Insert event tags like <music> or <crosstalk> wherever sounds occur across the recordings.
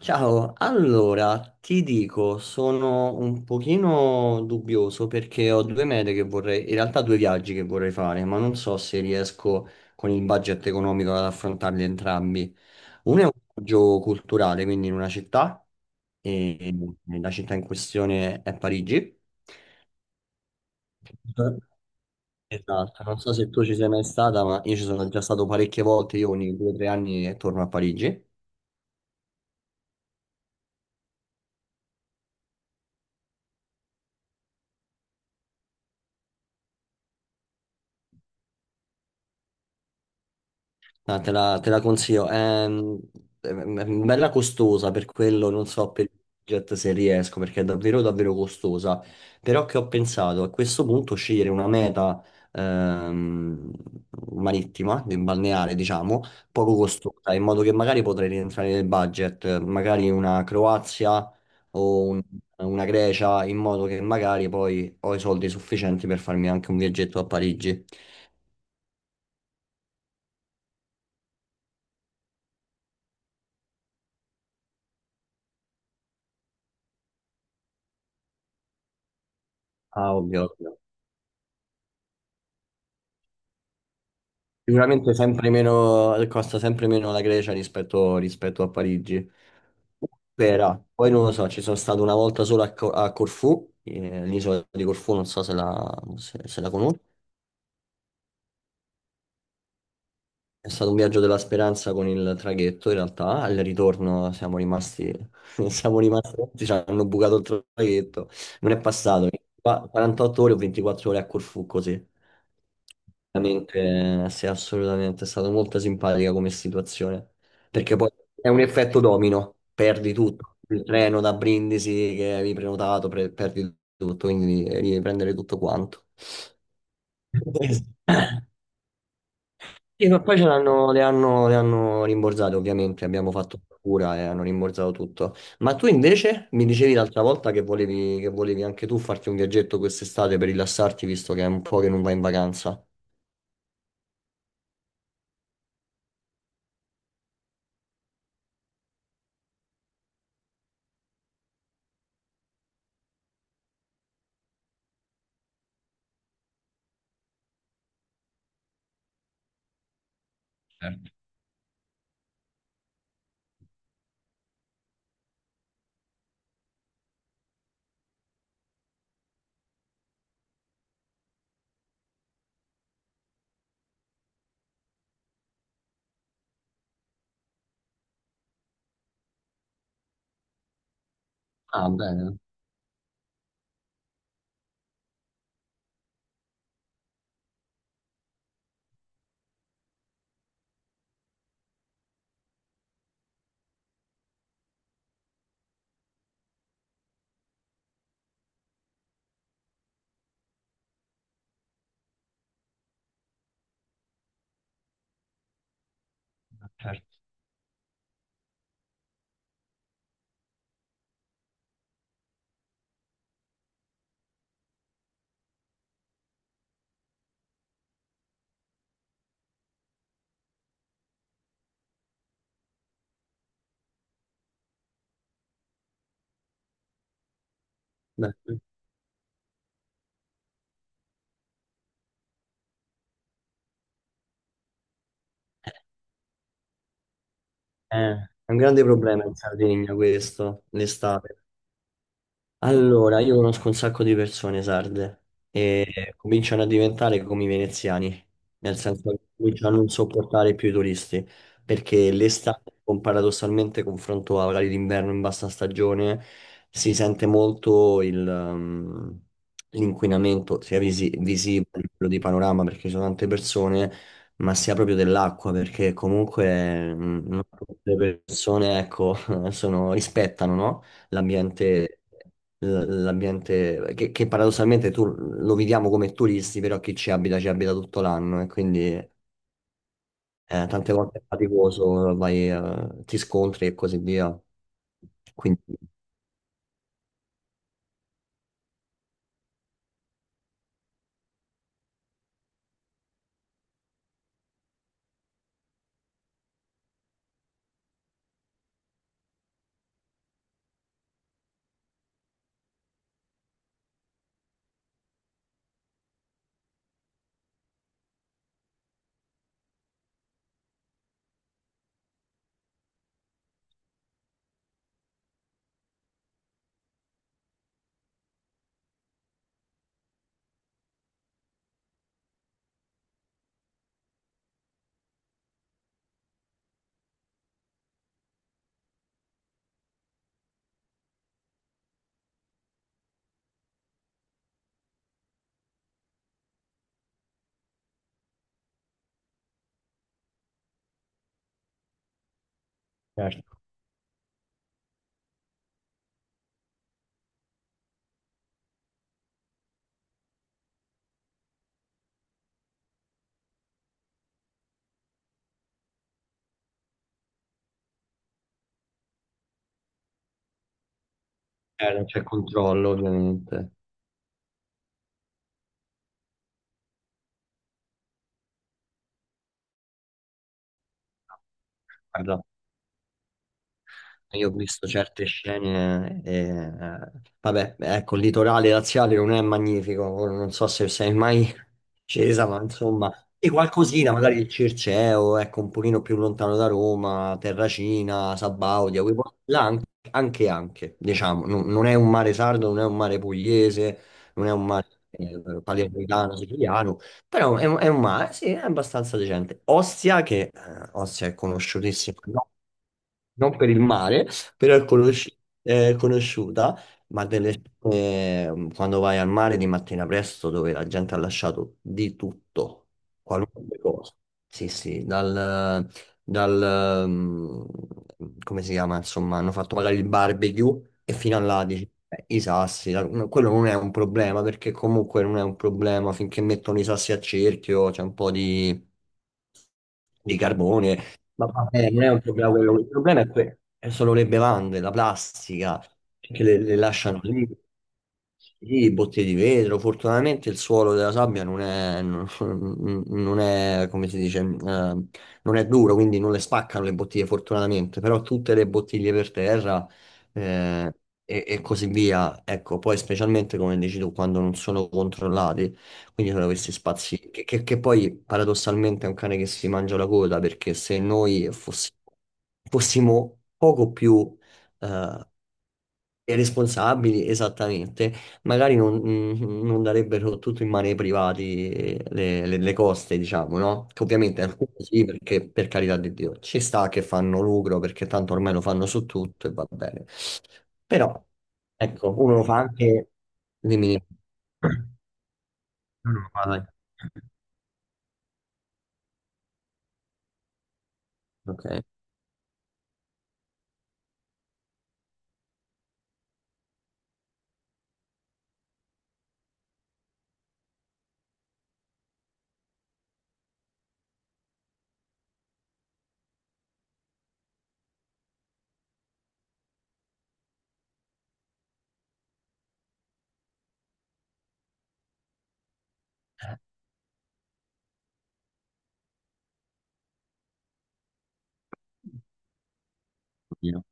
Ciao, allora ti dico, sono un pochino dubbioso perché ho due mete che vorrei, in realtà due viaggi che vorrei fare, ma non so se riesco con il budget economico ad affrontarli entrambi. Uno è un viaggio culturale, quindi in una città, e la città in questione è Parigi. Esatto, non so se tu ci sei mai stata, ma io ci sono già stato parecchie volte, io ogni due o tre anni torno a Parigi. No, te la consiglio. È, è bella costosa per quello, non so per il budget se riesco, perché è davvero davvero costosa. Però che ho pensato a questo punto scegliere una meta ehm, marittima, balneare, diciamo, poco costosa, in modo che magari potrei rientrare nel budget, magari una Croazia o una Grecia, in modo che magari poi ho i soldi sufficienti per farmi anche un viaggetto a Parigi. Ah, ovvio. Sicuramente sempre meno, costa sempre meno la Grecia rispetto a Parigi. Spera. Poi non lo so, ci sono stato una volta solo a Corfù, l'isola di Corfù, non so se la conosci. È stato un viaggio della speranza con il traghetto, in realtà. Al ritorno siamo rimasti, <laughs> siamo rimasti, ci hanno bucato il traghetto. Non è passato, qua 48 ore o 24 ore a Corfù così. Veramente, sì, assolutamente, è stata molto simpatica come situazione, perché poi è un effetto domino, perdi tutto, il treno da Brindisi che avevi prenotato, perdi tutto, quindi devi riprendere tutto quanto. <laughs> Sì, ma poi ce l'hanno, le hanno rimborsate, ovviamente, abbiamo fatto cura e hanno rimborsato tutto. Ma tu invece mi dicevi l'altra volta che volevi anche tu farti un viaggetto quest'estate per rilassarti, visto che è un po' che non vai in vacanza. Ah, bene, certo. Beh. È un grande problema in Sardegna questo, l'estate, allora, io conosco un sacco di persone sarde e cominciano a diventare come i veneziani, nel senso che cominciano a non sopportare più i turisti, perché l'estate, paradossalmente, confronto a orari d'inverno in bassa stagione, si sente molto l'inquinamento, sia visibile, quello di panorama, perché ci sono tante persone, ma sia proprio dell'acqua, perché comunque non tutte le persone, ecco, <laughs> rispettano, no? L'ambiente, l'ambiente che paradossalmente tu lo viviamo come turisti, però chi ci abita tutto l'anno e quindi tante volte è faticoso, vai, ti scontri e così via. Quindi certo. Eh, non c'è controllo ovviamente. Guarda, io ho visto certe scene, vabbè, ecco, il litorale laziale non è magnifico, ora non so se sei mai <laughs> scesa, ma insomma, e qualcosina, magari il Circeo, ecco, un pochino più lontano da Roma, Terracina, Sabaudia, quei posti là anche, diciamo, non è un mare sardo, non è un mare pugliese, non è un mare palermitano, siciliano, però è, è un mare, sì, è abbastanza decente. Ostia, che Ostia è conosciutissima, no, non per il mare, però è, è conosciuta, ma quando vai al mare di mattina presto, dove la gente ha lasciato di tutto, qualunque cosa. Sì, sì, dal, mm, come si chiama, insomma, hanno fatto magari il barbecue, e fino a là dici, "Beh, i sassi, no, quello non è un problema perché comunque non è un problema finché mettono i sassi a cerchio, c'è un po' di carbone, ma vabbè, non è un problema quello, il problema è è solo le bevande, la plastica, che le lasciano lì, sì, bottiglie di vetro, fortunatamente il suolo della sabbia non è, non, <laughs> non è, come si dice, non è duro, quindi non le spaccano le bottiglie fortunatamente, però tutte le bottiglie per terra eh, e così via, ecco, poi specialmente come dici tu, quando non sono controllati. Quindi sono questi spazi che poi paradossalmente è un cane che si mangia la coda perché se noi fossimo poco più eh, responsabili, esattamente, magari non darebbero tutto in mano ai privati le coste, diciamo, no? Che ovviamente alcuni sì, perché per carità di Dio ci sta che fanno lucro perché tanto ormai lo fanno su tutto e va bene. Però, ecco, uno lo fa anche di minimo. No, no, vai. Ok. Io.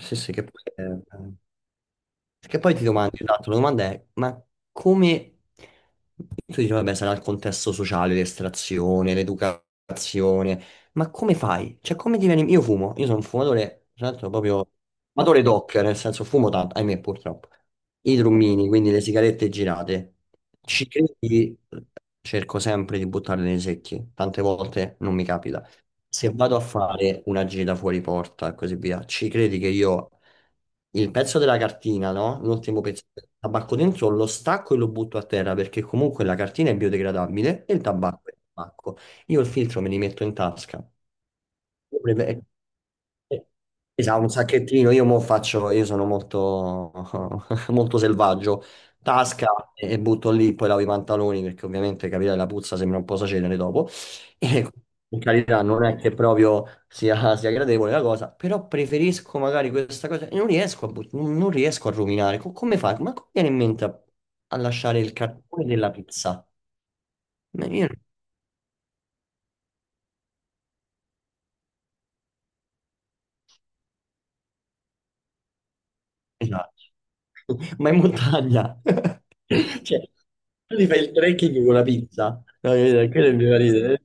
Sì, sì, che poi ti domandi, esatto, la domanda è, ma come... Tu dici, vabbè, sarà il contesto sociale, l'estrazione, l'educazione, ma come fai? Cioè, come diveni... Io fumo, io sono un fumatore, tra l'altro proprio... fumatore doc, nel senso fumo tanto, ahimè, purtroppo. I drummini, quindi le sigarette girate. Ci credi? Cerco sempre di buttarle nei secchi, tante volte non mi capita. Se vado a fare una gita fuori porta e così via, ci credi che io il pezzo della cartina, no? L'ultimo pezzo del tabacco dentro lo stacco e lo butto a terra perché comunque la cartina è biodegradabile e il tabacco è tabacco. Io il filtro me li metto in tasca. Il problema è- Eh, Esatto, un sacchettino, io mo faccio, io sono molto, <laughs> molto selvaggio, tasca e butto lì, poi lavo i pantaloni perché ovviamente capire la puzza sembra un po' sacenere dopo, <laughs> e in carità non è che proprio sia gradevole la cosa, però preferisco magari questa cosa, e non riesco a, non riesco a ruminare, come fai? Ma come viene in mente a, a lasciare il cartone della pizza? Ma io- Esatto. <laughs> Ma in montagna. <laughs> <coughs> Cioè, tu ti fai il trekking con la pizza. No, capito? Quello è il mio ridere.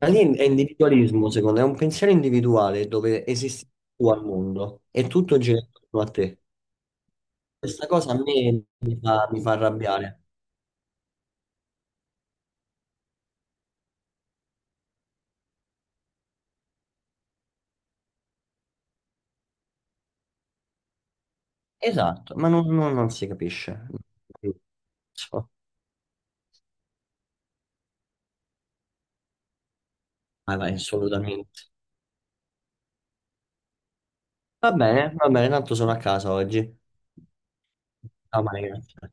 Ma lì è individualismo, secondo me, è un pensiero individuale dove esisti tu al mondo e tutto gira intorno a te. Questa cosa a me mi fa arrabbiare. Esatto, ma non si capisce. So. Vai, vai, assolutamente. Va bene, tanto sono a casa oggi. Ciao, Maria, grazie.